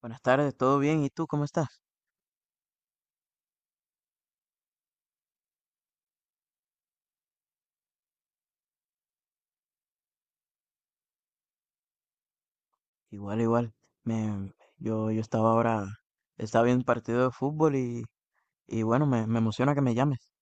Buenas tardes, ¿todo bien? ¿Y tú cómo estás? Igual, igual. Me, yo estaba ahora, estaba viendo un partido de fútbol y bueno, me emociona que me llames.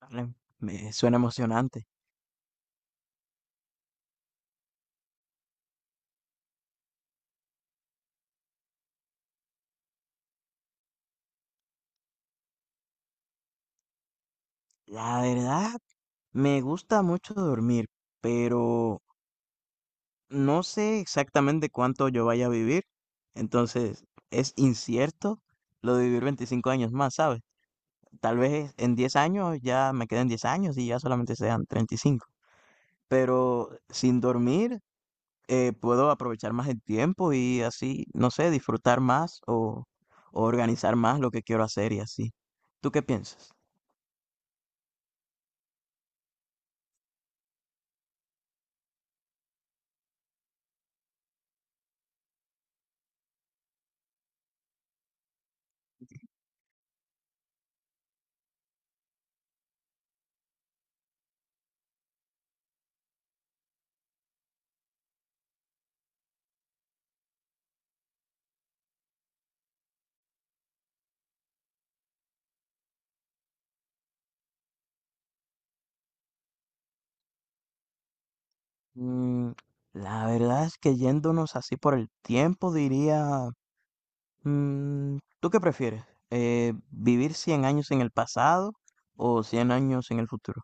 Vale, me suena emocionante. La verdad, me gusta mucho dormir, pero no sé exactamente cuánto yo vaya a vivir. Entonces, es incierto lo de vivir 25 años más, ¿sabes? Tal vez en 10 años ya me queden 10 años y ya solamente sean 35. Pero sin dormir puedo aprovechar más el tiempo y así, no sé, disfrutar más o organizar más lo que quiero hacer y así. ¿Tú qué piensas? Mm, la verdad es que yéndonos así por el tiempo, diría, ¿tú qué prefieres? ¿Vivir 100 años en el pasado o 100 años en el futuro?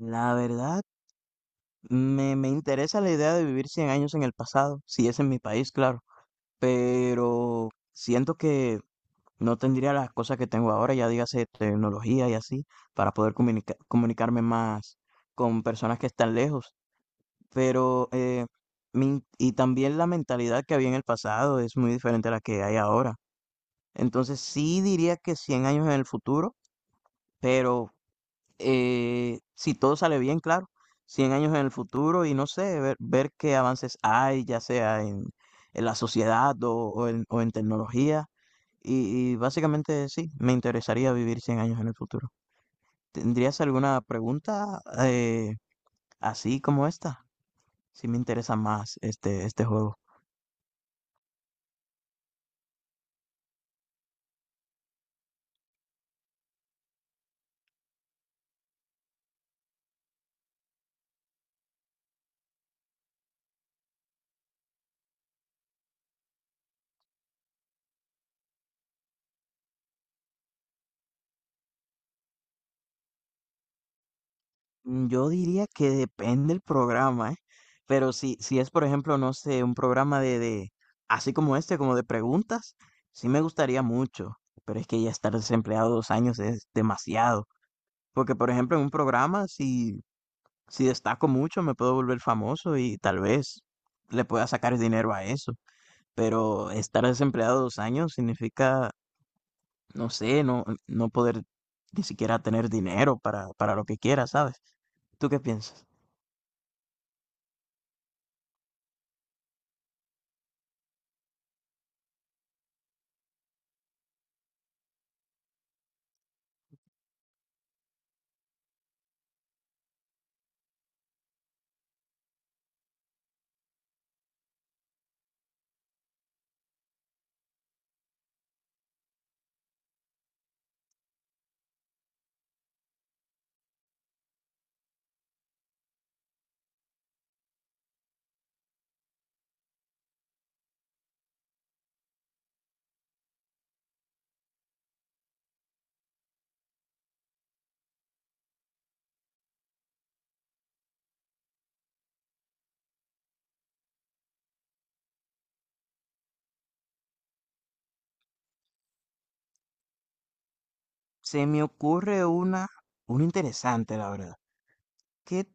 La verdad, me interesa la idea de vivir 100 años en el pasado, si es en mi país, claro, pero siento que no tendría las cosas que tengo ahora, ya dígase tecnología y así, para poder comunicarme más con personas que están lejos. Pero, y también la mentalidad que había en el pasado es muy diferente a la que hay ahora. Entonces, sí diría que 100 años en el futuro, pero si todo sale bien, claro, 100 años en el futuro y no sé, ver qué avances hay, ya sea en la sociedad o en tecnología. Y básicamente sí, me interesaría vivir 100 años en el futuro. ¿Tendrías alguna pregunta así como esta? Si me interesa más este, este juego. Yo diría que depende el programa, ¿eh? Pero si es, por ejemplo, no sé, un programa de así como este, como de preguntas, sí me gustaría mucho, pero es que ya estar desempleado 2 años es demasiado, porque, por ejemplo, en un programa, si destaco mucho, me puedo volver famoso y tal vez le pueda sacar dinero a eso, pero estar desempleado 2 años significa, no sé, no poder ni siquiera tener dinero para lo que quiera, ¿sabes? ¿Tú qué piensas? Se me ocurre una interesante, la verdad. Que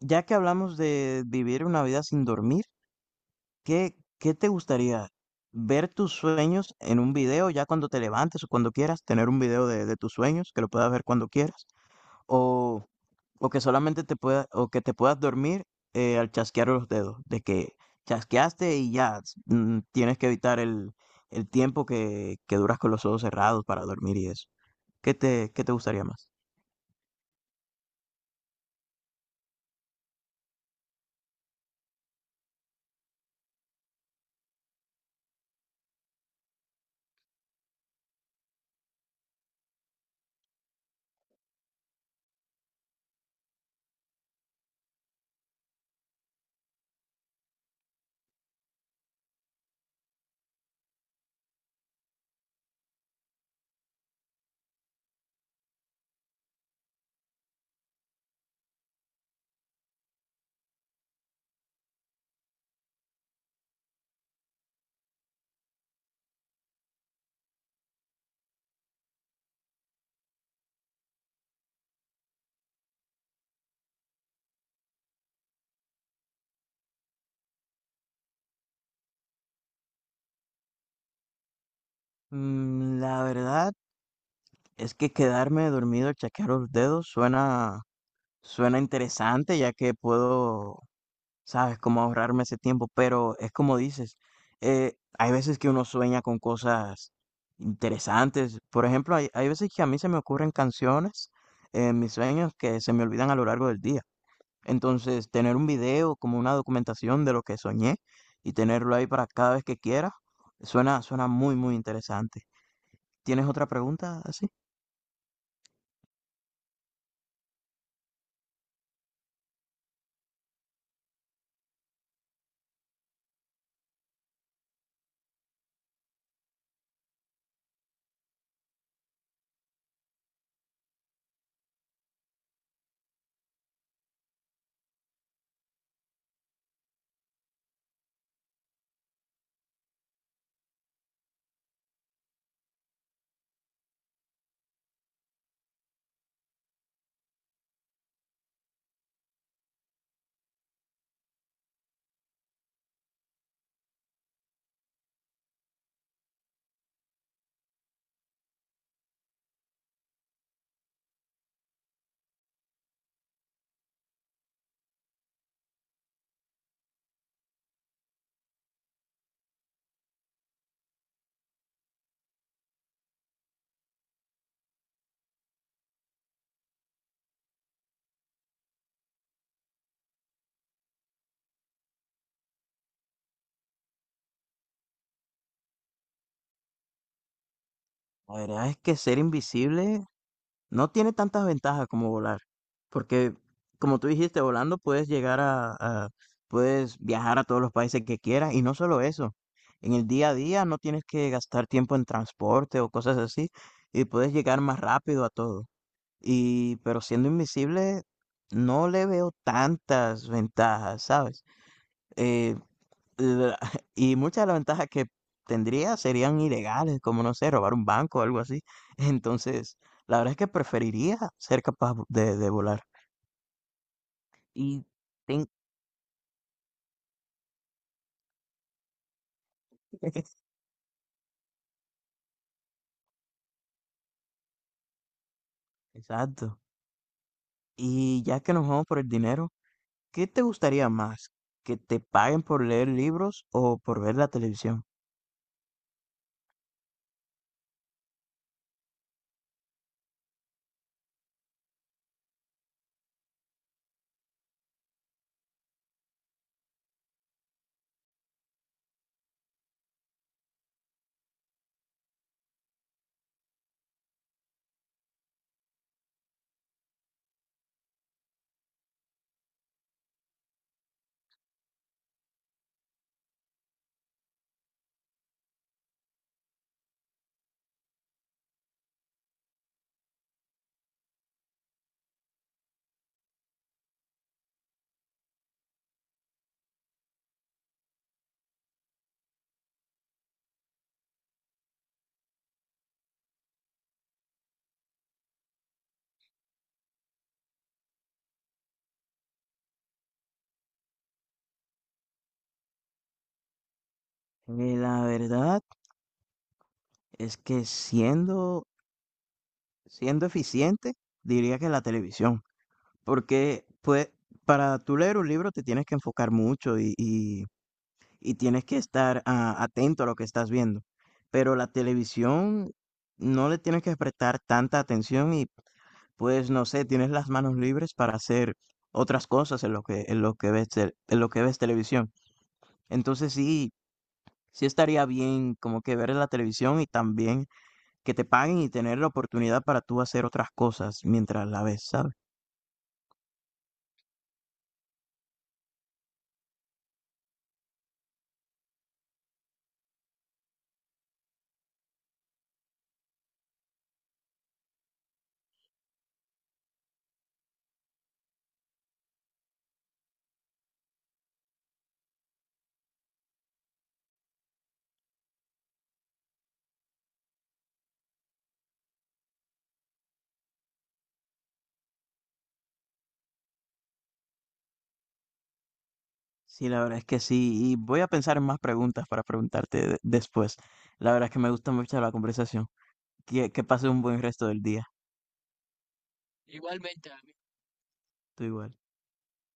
ya que hablamos de vivir una vida sin dormir, ¿qué, qué te gustaría? ¿Ver tus sueños en un video ya cuando te levantes o cuando quieras? ¿Tener un video de tus sueños que lo puedas ver cuando quieras? ¿O, o que solamente te pueda, o que te puedas dormir al chasquear los dedos? De que chasqueaste y ya tienes que evitar el tiempo que duras con los ojos cerrados para dormir y eso. Qué te gustaría más? La verdad es que quedarme dormido al chasquear los dedos suena, suena interesante, ya que puedo, sabes, cómo ahorrarme ese tiempo, pero es como dices, hay veces que uno sueña con cosas interesantes. Por ejemplo, hay veces que a mí se me ocurren canciones en mis sueños que se me olvidan a lo largo del día. Entonces, tener un video como una documentación de lo que soñé y tenerlo ahí para cada vez que quiera, suena, suena muy, muy interesante. ¿Tienes otra pregunta así? La verdad es que ser invisible no tiene tantas ventajas como volar, porque como tú dijiste, volando puedes llegar puedes viajar a todos los países que quieras y no solo eso. En el día a día no tienes que gastar tiempo en transporte o cosas así y puedes llegar más rápido a todo. Y pero siendo invisible no le veo tantas ventajas, ¿sabes? Eh, la- Y muchas de las ventajas que tendría serían ilegales, como no sé, robar un banco o algo así. Entonces, la verdad es que preferiría ser capaz de volar. Y ten- Exacto. Y ya que nos vamos por el dinero, ¿qué te gustaría más? ¿Que te paguen por leer libros o por ver la televisión? La verdad es que siendo, siendo eficiente, diría que la televisión. Porque, pues, para tú leer un libro te tienes que enfocar mucho y, y tienes que estar atento a lo que estás viendo. Pero la televisión no le tienes que prestar tanta atención y, pues, no sé, tienes las manos libres para hacer otras cosas en lo que ves, en lo que ves televisión. Entonces sí, sí estaría bien como que ver la televisión y también que te paguen y tener la oportunidad para tú hacer otras cosas mientras la ves, ¿sabes? Sí, la verdad es que sí, y voy a pensar en más preguntas para preguntarte después. La verdad es que me gusta mucho la conversación. Que pases un buen resto del día. Tú igual.